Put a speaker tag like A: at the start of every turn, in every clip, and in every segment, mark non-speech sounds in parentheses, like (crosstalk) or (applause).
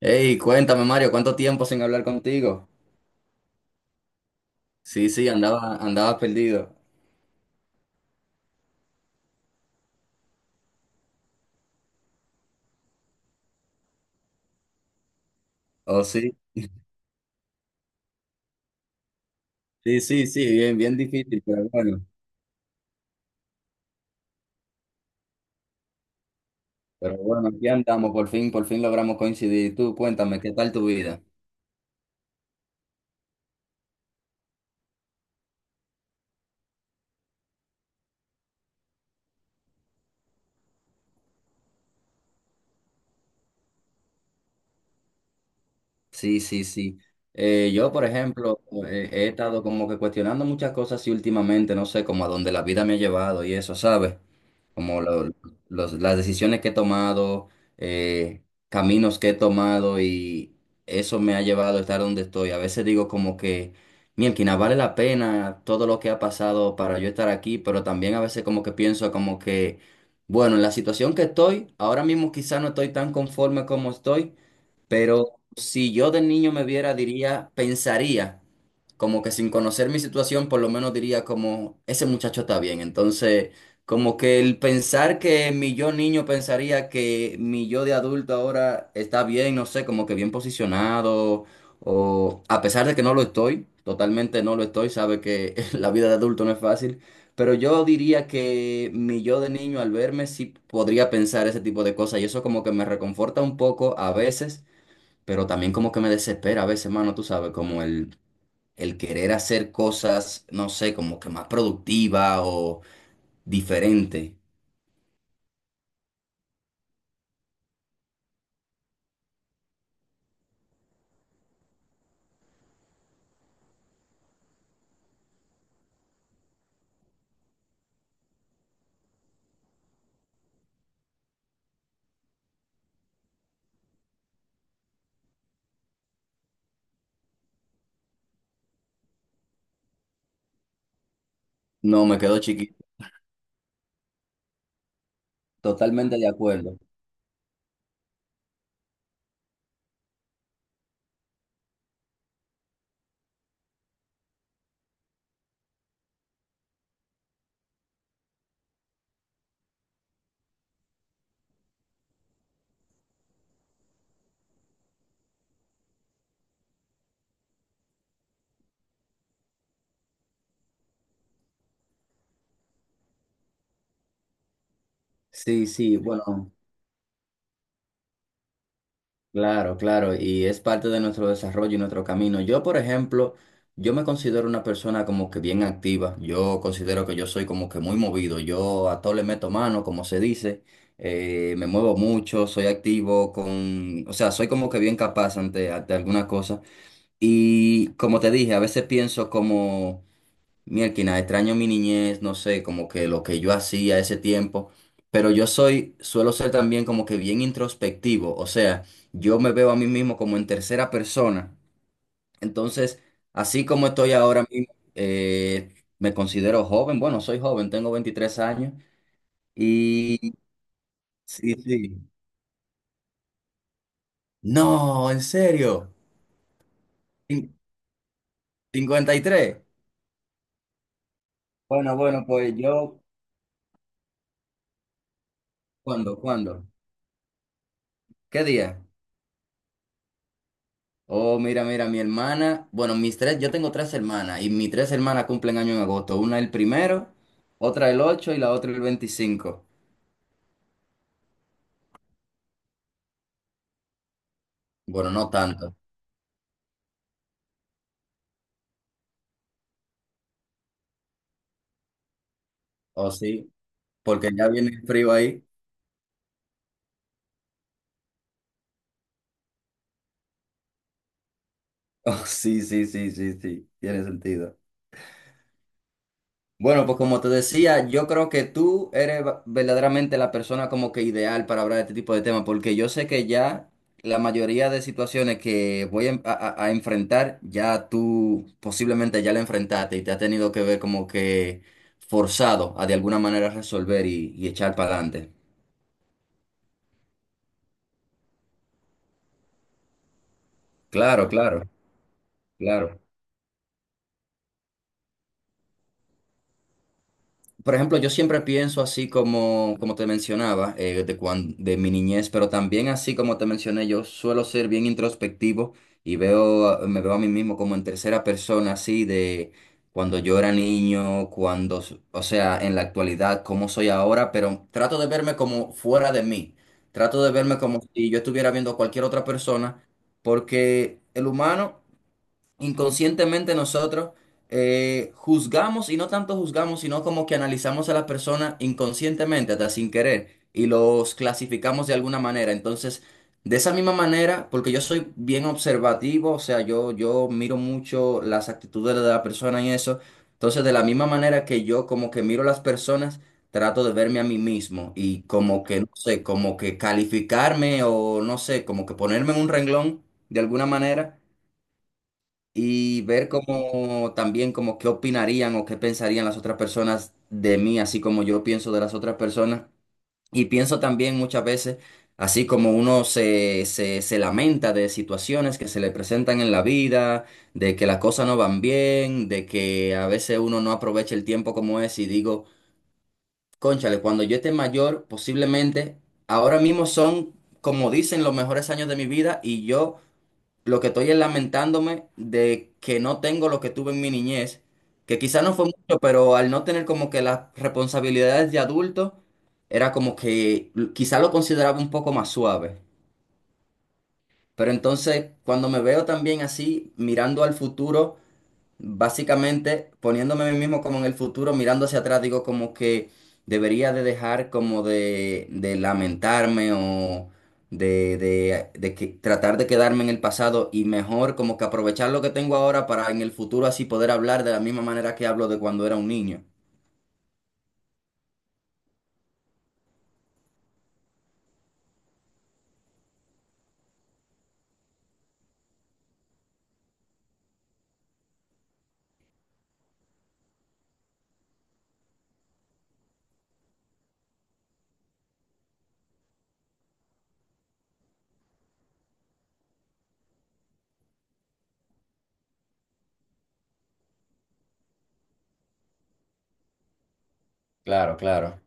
A: Hey, cuéntame, Mario, ¿cuánto tiempo sin hablar contigo? Sí, sí, andaba perdido. Oh, sí, sí, sí, sí, bien, bien difícil, pero bueno, aquí andamos, por fin logramos coincidir. Tú, cuéntame, ¿qué tal tu vida? Sí, sí, sí. Yo, por ejemplo, he estado como que cuestionando muchas cosas y últimamente, no sé, como a dónde la vida me ha llevado y eso, ¿sabes? Como lo- las decisiones que he tomado, eh, caminos que he tomado y eso me ha llevado a estar donde estoy. A veces digo como que, mielquina, vale la pena todo lo que ha pasado para yo estar aquí, pero también a veces como que pienso como que, bueno, en la situación que estoy, ahora mismo quizá no estoy tan conforme como estoy, pero si yo de niño me viera, diría, pensaría, como que sin conocer mi situación, por lo menos diría como, ese muchacho está bien. Entonces, como que el pensar que mi yo niño pensaría que mi yo de adulto ahora está bien, no sé, como que bien posicionado, o a pesar de que no lo estoy, totalmente no lo estoy, sabe que (laughs) la vida de adulto no es fácil. Pero yo diría que mi yo de niño al verme sí podría pensar ese tipo de cosas y eso como que me reconforta un poco a veces, pero también como que me desespera a veces, mano, tú sabes, como el querer hacer cosas, no sé, como que más productiva o diferente. No, me quedo chiquito. Totalmente de acuerdo. Sí, sí, bueno, claro, claro, y es parte de nuestro desarrollo y nuestro camino. Yo, por ejemplo, yo me considero una persona como que bien activa. Yo considero que yo soy como que muy movido. Yo a todo le meto mano, como se dice. Me muevo mucho, soy activo con, o sea, soy como que bien capaz ante alguna cosa. Y como te dije, a veces pienso como, mierda, extraño mi niñez, no sé, como que lo que yo hacía ese tiempo, pero suelo ser también como que bien introspectivo, o sea, yo me veo a mí mismo como en tercera persona, entonces, así como estoy ahora mismo, me considero joven, bueno, soy joven, tengo 23 años y... Sí, sí. No, en serio, Cin- cincuenta y tres. Bueno, bueno, pues yo, ¿cuándo, cuándo? ¿Qué día? Oh, mira, mira, bueno, yo tengo tres hermanas y mis tres hermanas cumplen año en agosto, una el primero, otra el 8 y la otra el 25. Bueno, no tanto. Oh, sí, porque ya viene el frío ahí. (laughs) Oh, sí, sí, sí, sí, sí, tiene sentido. Bueno, pues como te decía, yo creo que tú eres verdaderamente la persona como que ideal para hablar de este tipo de temas, porque yo sé que ya la mayoría de situaciones que voy a, en- a- a enfrentar, ya tú posiblemente ya la enfrentaste y te ha tenido que ver como que forzado a de alguna manera resolver y echar para adelante. Claro, claro, claro. Por ejemplo, yo siempre pienso así como te mencionaba, de mi niñez, pero también así como te mencioné, yo suelo ser bien introspectivo y me veo a mí mismo como en tercera persona, así de cuando yo era niño, o sea, en la actualidad, cómo soy ahora, pero trato de verme como fuera de mí, trato de verme como si yo estuviera viendo a cualquier otra persona, porque el humano inconscientemente nosotros juzgamos y no tanto juzgamos, sino como que analizamos a las personas inconscientemente, hasta sin querer, y los clasificamos de alguna manera. Entonces, de esa misma manera, porque yo soy bien observativo, o sea, yo miro mucho las actitudes de la persona y eso. Entonces, de la misma manera que yo como que miro a las personas, trato de verme a mí mismo y como que, no sé, como que calificarme o no sé, como que ponerme en un renglón de alguna manera y ver cómo también como qué opinarían o qué pensarían las otras personas de mí, así como yo pienso de las otras personas. Y pienso también muchas veces, así como uno se lamenta de situaciones que se le presentan en la vida, de que las cosas no van bien, de que a veces uno no aprovecha el tiempo como es y digo, cónchale, cuando yo esté mayor, posiblemente ahora mismo son, como dicen, los mejores años de mi vida y yo... Lo que estoy es lamentándome de que no tengo lo que tuve en mi niñez, que quizá no fue mucho, pero al no tener como que las responsabilidades de adulto, era como que quizá lo consideraba un poco más suave. Pero entonces, cuando me veo también así, mirando al futuro, básicamente, poniéndome a mí mismo como en el futuro, mirando hacia atrás, digo como que debería de dejar como de lamentarme o tratar de quedarme en el pasado y mejor como que aprovechar lo que tengo ahora para en el futuro así poder hablar de la misma manera que hablo de cuando era un niño. Claro, claro.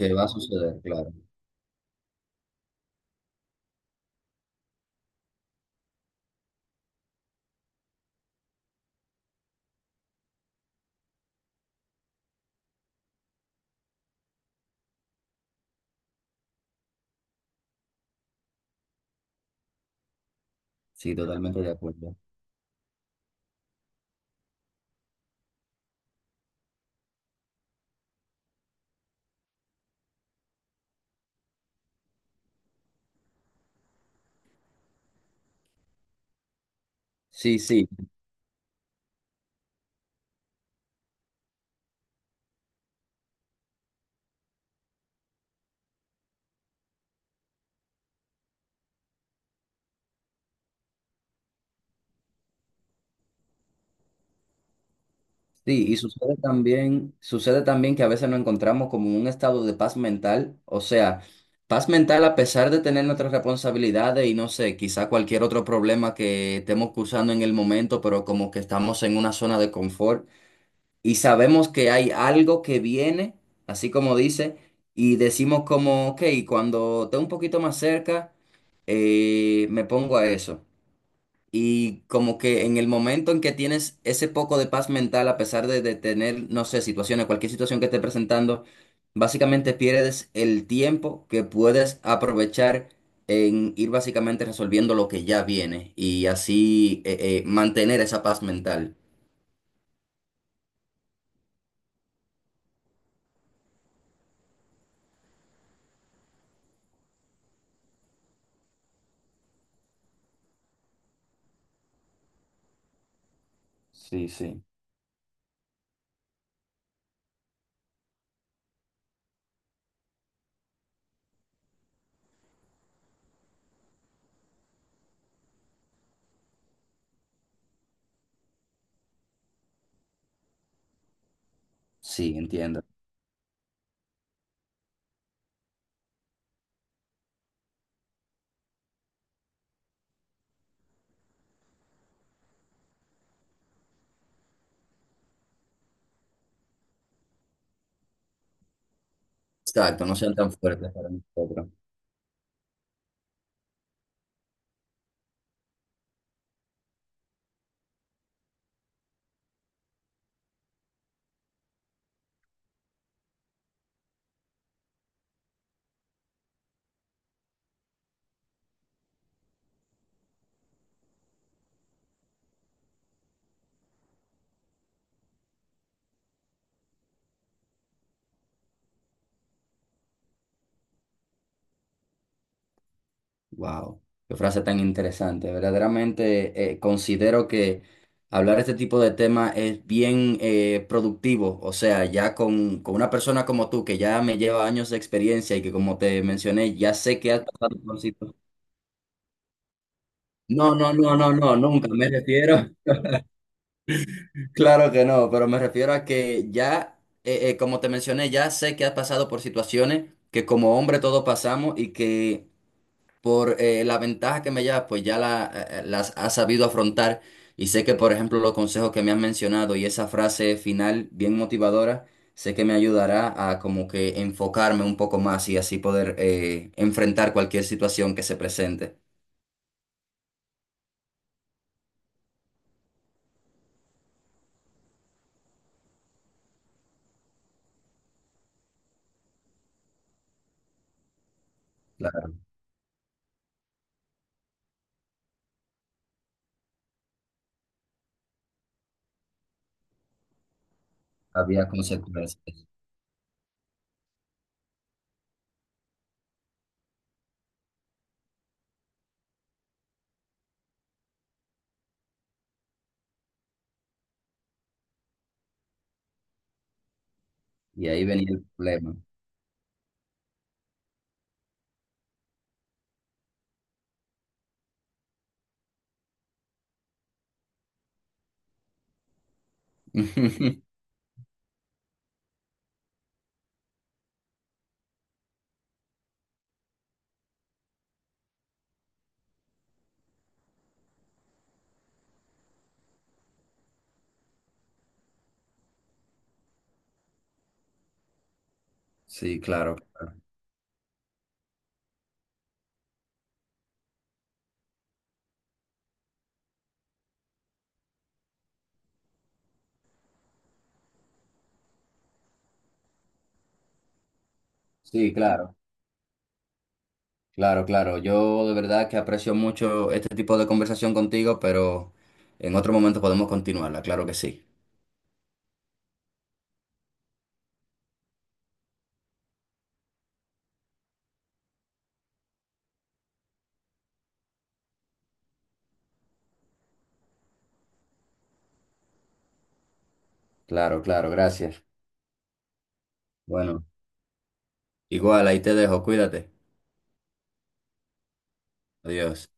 A: Que va a suceder, claro. Sí, totalmente de acuerdo. Sí, sí. Sí, y sucede también que a veces nos encontramos como en un estado de paz mental, o sea, paz mental a pesar de tener nuestras responsabilidades y no sé, quizá cualquier otro problema que estemos cursando en el momento, pero como que estamos en una zona de confort y sabemos que hay algo que viene, así como dice, y decimos como, ok, cuando esté un poquito más cerca, me pongo a eso. Y como que en el momento en que tienes ese poco de paz mental, a pesar de tener, no sé, situaciones, cualquier situación que esté presentando, básicamente pierdes el tiempo que puedes aprovechar en ir básicamente resolviendo lo que ya viene y así mantener esa paz mental. Sí, sí. Sí, entiendo. Exacto, no sean tan fuertes para nosotros. Wow, qué frase tan interesante. Verdaderamente considero que hablar este tipo de temas es bien productivo. O sea, ya con una persona como tú, que ya me lleva años de experiencia y que como te mencioné, ya sé que has pasado por situ- No, no, no, no, no, nunca. Me refiero, (laughs) claro que no, pero me refiero a que ya, como te mencioné, ya sé que has pasado por situaciones que como hombre todos pasamos y que por la ventaja que me lleva, pues ya las ha sabido afrontar y sé que, por ejemplo, los consejos que me han mencionado y esa frase final bien motivadora, sé que me ayudará a como que enfocarme un poco más y así poder enfrentar cualquier situación que se presente. Claro, había consecuencias y ahí venía el problema. (laughs) Sí, claro. Sí, claro. Claro, claro. Yo de verdad que aprecio mucho este tipo de conversación contigo, pero en otro momento podemos continuarla, claro que sí. Claro, claro, gracias. Bueno, igual ahí te dejo, cuídate. Adiós.